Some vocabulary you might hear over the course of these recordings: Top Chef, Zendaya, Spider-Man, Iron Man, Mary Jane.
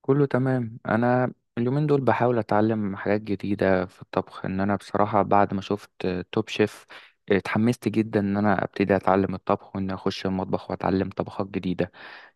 كله تمام. انا اليومين دول بحاول اتعلم حاجات جديده في الطبخ، ان انا بصراحه بعد ما شفت توب شيف اتحمست جدا ان انا ابتدي اتعلم الطبخ، وان اخش المطبخ واتعلم طبخات جديده.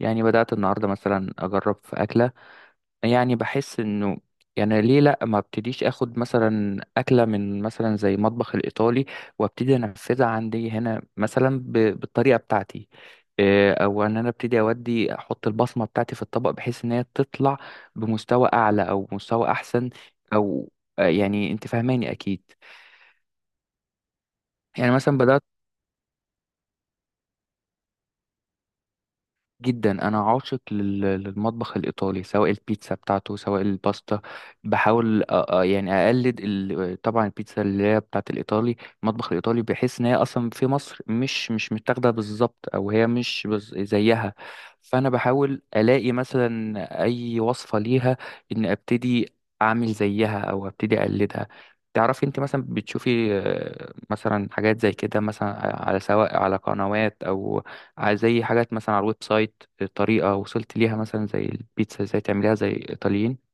يعني بدات النهارده مثلا اجرب في اكله، يعني بحس انه يعني ليه لا ما ابتديش اخد مثلا اكله من مثلا زي مطبخ الايطالي وابتدي انفذها عندي هنا مثلا بالطريقه بتاعتي. إيه، او ان انا ابتدي اودي احط البصمه بتاعتي في الطبق بحيث ان هي تطلع بمستوى اعلى او مستوى احسن، او يعني انت فاهماني اكيد. يعني مثلا بدات، جدا انا عاشق للمطبخ الايطالي، سواء البيتزا بتاعته سواء الباستا. بحاول يعني اقلد طبعا البيتزا اللي هي بتاعت الايطالي، المطبخ الايطالي، بحيث ان هي اصلا في مصر مش متاخده بالظبط، او هي مش زيها. فانا بحاول الاقي مثلا اي وصفه ليها، ان ابتدي اعمل زيها او ابتدي اقلدها. تعرفي انت مثلا بتشوفي مثلا حاجات زي كده مثلا، على سواء على قنوات او زي حاجات مثلا على الويب سايت، طريقة وصلت ليها مثلا زي البيتزا ازاي تعمليها زي الإيطاليين.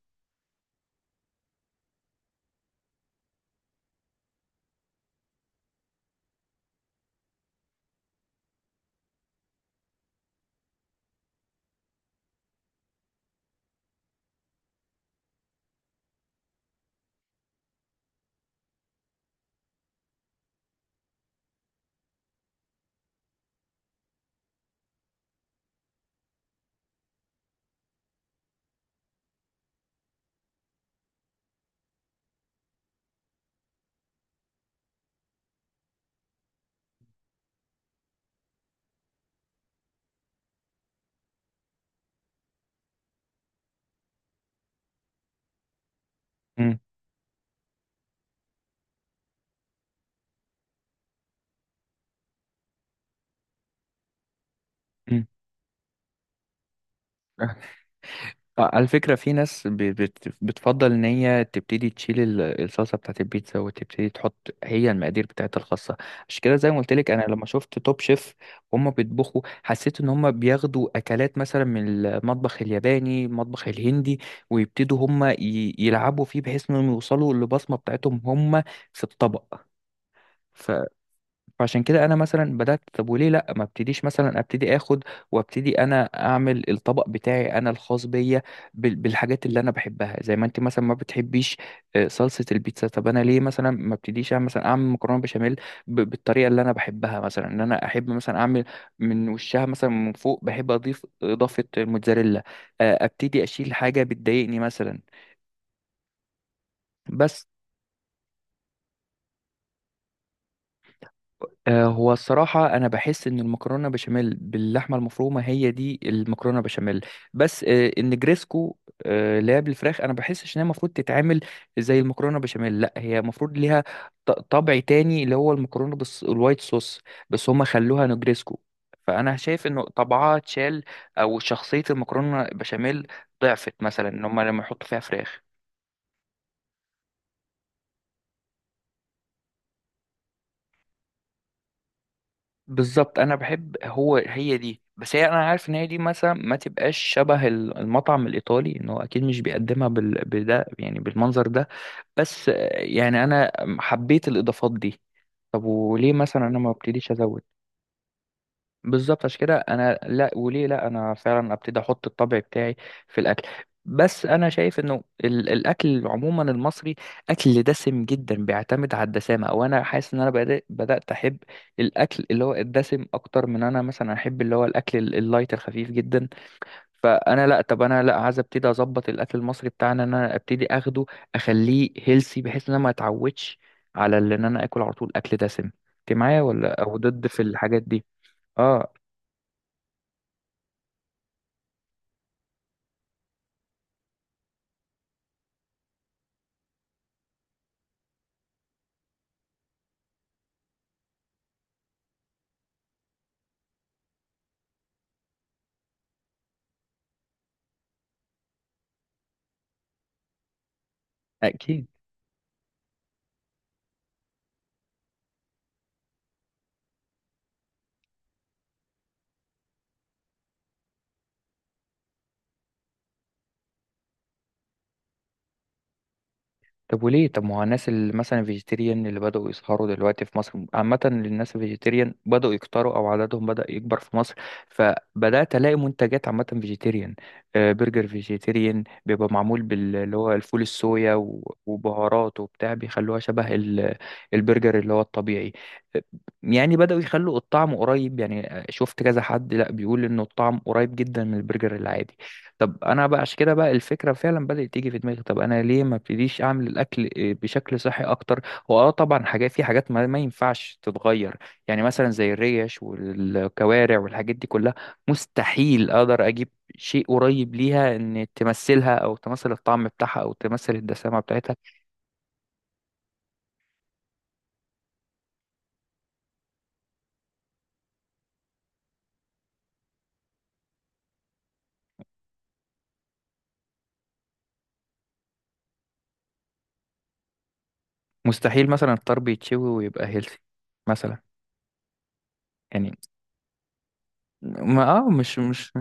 مم. مم. آه. على فكرة في ناس بتفضل إن هي تبتدي تشيل الصلصة بتاعت البيتزا، وتبتدي تحط هي المقادير بتاعتها الخاصة. عشان كده زي ما قلت لك، أنا لما شفت توب شيف هما بيطبخوا حسيت إن هما بياخدوا أكلات مثلا من المطبخ الياباني، المطبخ الهندي، ويبتدوا هما يلعبوا فيه بحيث إنهم يوصلوا للبصمة بتاعتهم هما في الطبق. فعشان كده انا مثلا بدات، طب وليه لا ما ابتديش مثلا ابتدي اخد وابتدي انا اعمل الطبق بتاعي انا الخاص بيا بالحاجات اللي انا بحبها، زي ما انت مثلا ما بتحبيش صلصه البيتزا. طب انا ليه مثلا ما ابتديش اعمل مثلا اعمل مكرونه بشاميل بالطريقه اللي انا بحبها، مثلا ان انا احب مثلا اعمل من وشها مثلا من فوق بحب اضيف اضافه الموتزاريلا، ابتدي اشيل حاجه بتضايقني مثلا. بس هو الصراحة أنا بحس إن المكرونة بشاميل باللحمة المفرومة هي دي المكرونة بشاميل، بس النجريسكو اللي هي بالفراخ أنا بحسش إن هي المفروض تتعمل زي المكرونة بشاميل. لأ، هي المفروض ليها طبع تاني اللي هو المكرونة بس الوايت صوص، بس هما خلوها نجريسكو. فأنا شايف إنه طبعها اتشال، أو شخصية المكرونة بشاميل ضعفت مثلا إن هما لما يحطوا فيها فراخ. بالظبط، انا بحب هو هي دي، بس هي انا عارف ان هي دي مثلا ما تبقاش شبه المطعم الايطالي، ان هو اكيد مش بيقدمها بده يعني بالمنظر ده. بس يعني انا حبيت الاضافات دي، طب وليه مثلا انا ما ابتديش ازود. بالظبط، عشان كده انا لا، وليه لا انا فعلا ابتدي احط الطبع بتاعي في الاكل. بس انا شايف انه الاكل عموما المصري اكل دسم جدا، بيعتمد على الدسامه، او انا حاسس ان انا بدات احب الاكل اللي هو الدسم اكتر من انا مثلا احب اللي هو الاكل اللايت الخفيف جدا. فانا لا، طب انا لا عايز ابتدي اظبط الاكل المصري بتاعنا ان انا ابتدي اخده، اخليه هيلسي، بحيث ان انا ما اتعودش على ان انا اكل على طول اكل دسم. انت معايا ولا او ضد في الحاجات دي؟ اه، أكيد. طب وليه؟ طب ما هو الناس اللي مثلا فيجيتيريان اللي بدأوا يظهروا دلوقتي في مصر، عامة الناس الفيجيتيريان بدأوا يكتروا أو عددهم بدأ يكبر في مصر، فبدأت ألاقي منتجات عامة فيجيتيريان، برجر فيجيتيريان بيبقى معمول اللي هو الفول الصويا وبهارات وبتاع، بيخلوها شبه البرجر اللي هو الطبيعي. آه، يعني بدأوا يخلوا الطعم قريب، يعني شفت كذا حد لأ بيقول إنه الطعم قريب جدا من البرجر العادي. طب انا بقى عشان كده بقى الفكره فعلا بدات تيجي في دماغي، طب انا ليه ما ابتديش اعمل الاكل إيه، بشكل صحي اكتر. هو اه طبعا حاجات، في حاجات ما ينفعش تتغير، يعني مثلا زي الريش والكوارع والحاجات دي كلها، مستحيل اقدر اجيب شيء قريب ليها ان تمثلها او تمثل الطعم بتاعها او تمثل الدسامه بتاعتها. مستحيل مثلا الطرب يتشوي ويبقى هيلثي مثلا، يعني ما مش.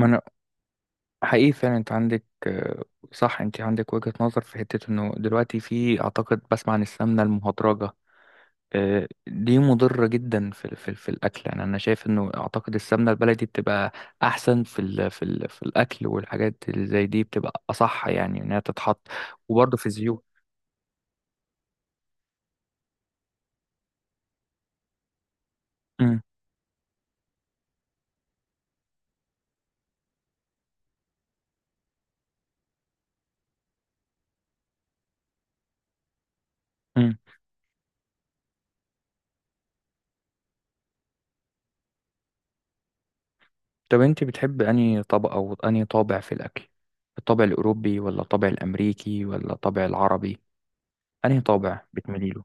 مم. حقيقي فعلا انت عندك صح، انت عندك وجهة نظر. في حتة انه دلوقتي، في اعتقد بسمع عن السمنة المهدرجة، دي مضرة جدا في الاكل. يعني انا شايف انه اعتقد السمنة البلدي بتبقى احسن في الاكل، والحاجات اللي زي دي بتبقى اصح يعني انها تتحط. وبرضه في الزيوت. امم. امم. طب انت بتحب انهي طبق او انهي طابع في الاكل، الطابع الاوروبي ولا الطابع الامريكي ولا الطابع العربي؟ انهي طابع بتميلي له؟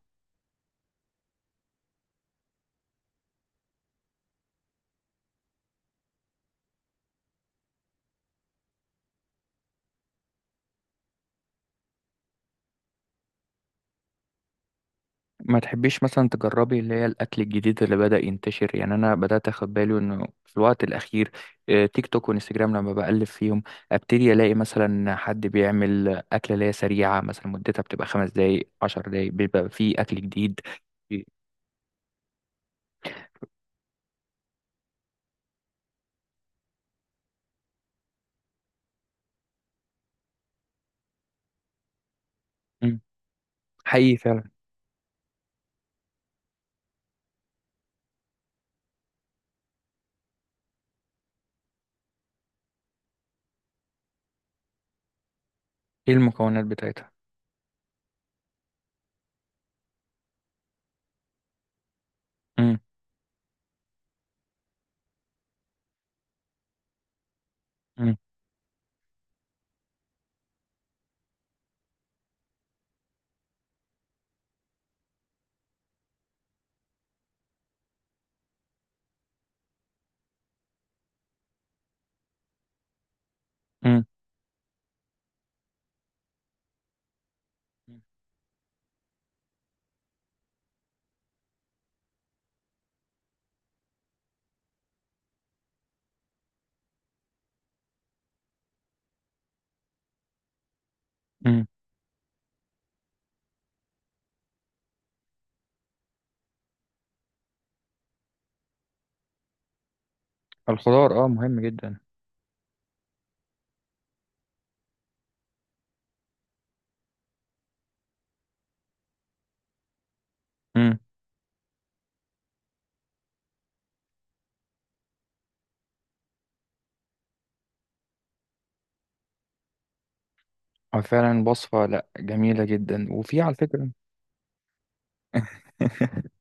ما تحبيش مثلا تجربي اللي هي الاكل الجديد اللي بدأ ينتشر؟ يعني انا بدأت اخد بالي انه في الوقت الاخير تيك توك وانستجرام لما بقلب فيهم ابتدي الاقي مثلا حد بيعمل اكله اللي هي سريعه، مثلا مدتها بتبقى خمس دقايق عشر دقايق، بيبقى فيه اكل جديد. مم. حقيقي فعلا. ايه المكونات بتاعتها؟ مم. مم. مم. مم. الخضار، اه، مهم جدا. مم. فعلا وصفه لا جميله جدا، وفي على فكره.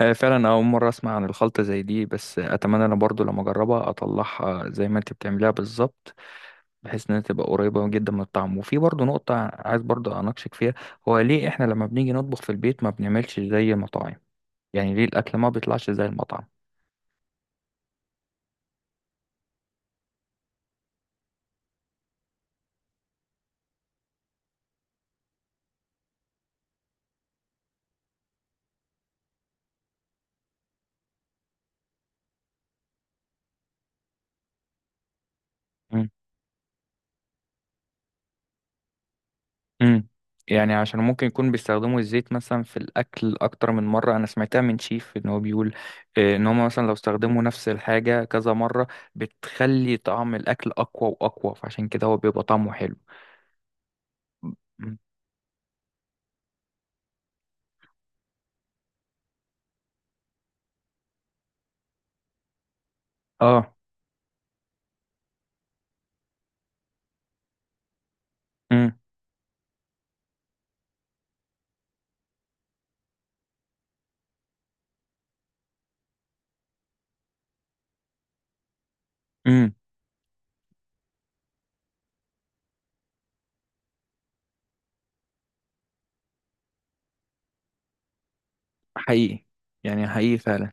فعلا أول مرة أسمع عن الخلطة زي دي، بس أتمنى أنا برضو لما أجربها أطلعها زي ما أنت بتعمليها بالظبط، بحيث إنها تبقى قريبة جدا من الطعم. وفي برضو نقطة عايز برضو أناقشك فيها، هو ليه إحنا لما بنيجي نطبخ في البيت ما بنعملش زي المطاعم؟ يعني ليه الأكل ما بيطلعش زي المطعم؟ مم. مم. يعني عشان ممكن يكون بيستخدموا الزيت مثلا في الأكل أكتر من مرة. أنا سمعتها من شيف إن هو بيقول، إن هما مثلا لو استخدموا نفس الحاجة كذا مرة بتخلي طعم الأكل أقوى وأقوى، فعشان كده هو بيبقى طعمه حلو. اه. امم. امم. حقيقي، يعني حقيقي فعلا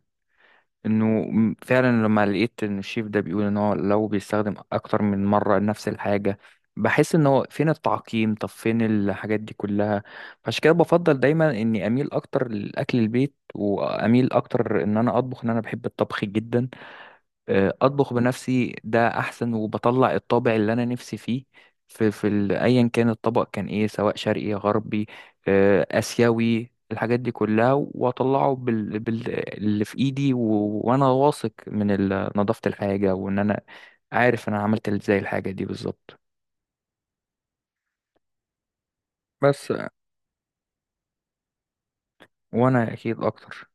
انه فعلا لما لقيت ان الشيف ده بيقول ان هو لو بيستخدم اكتر من مره نفس الحاجه، بحس ان هو فين التعقيم، طب فين الحاجات دي كلها. عشان كده بفضل دايما اني اميل اكتر لاكل البيت، واميل اكتر ان انا اطبخ، ان انا بحب الطبخ جدا، اطبخ بنفسي ده احسن وبطلع الطابع اللي انا نفسي فيه في ايا كان الطبق، كان ايه، سواء شرقي غربي اسيوي، الحاجات دي كلها، واطلعه اللي في ايدي وانا واثق من نظافة الحاجة، وان انا عارف انا عملت ازاي الحاجة دي بالظبط. بس وانا اكيد اكتر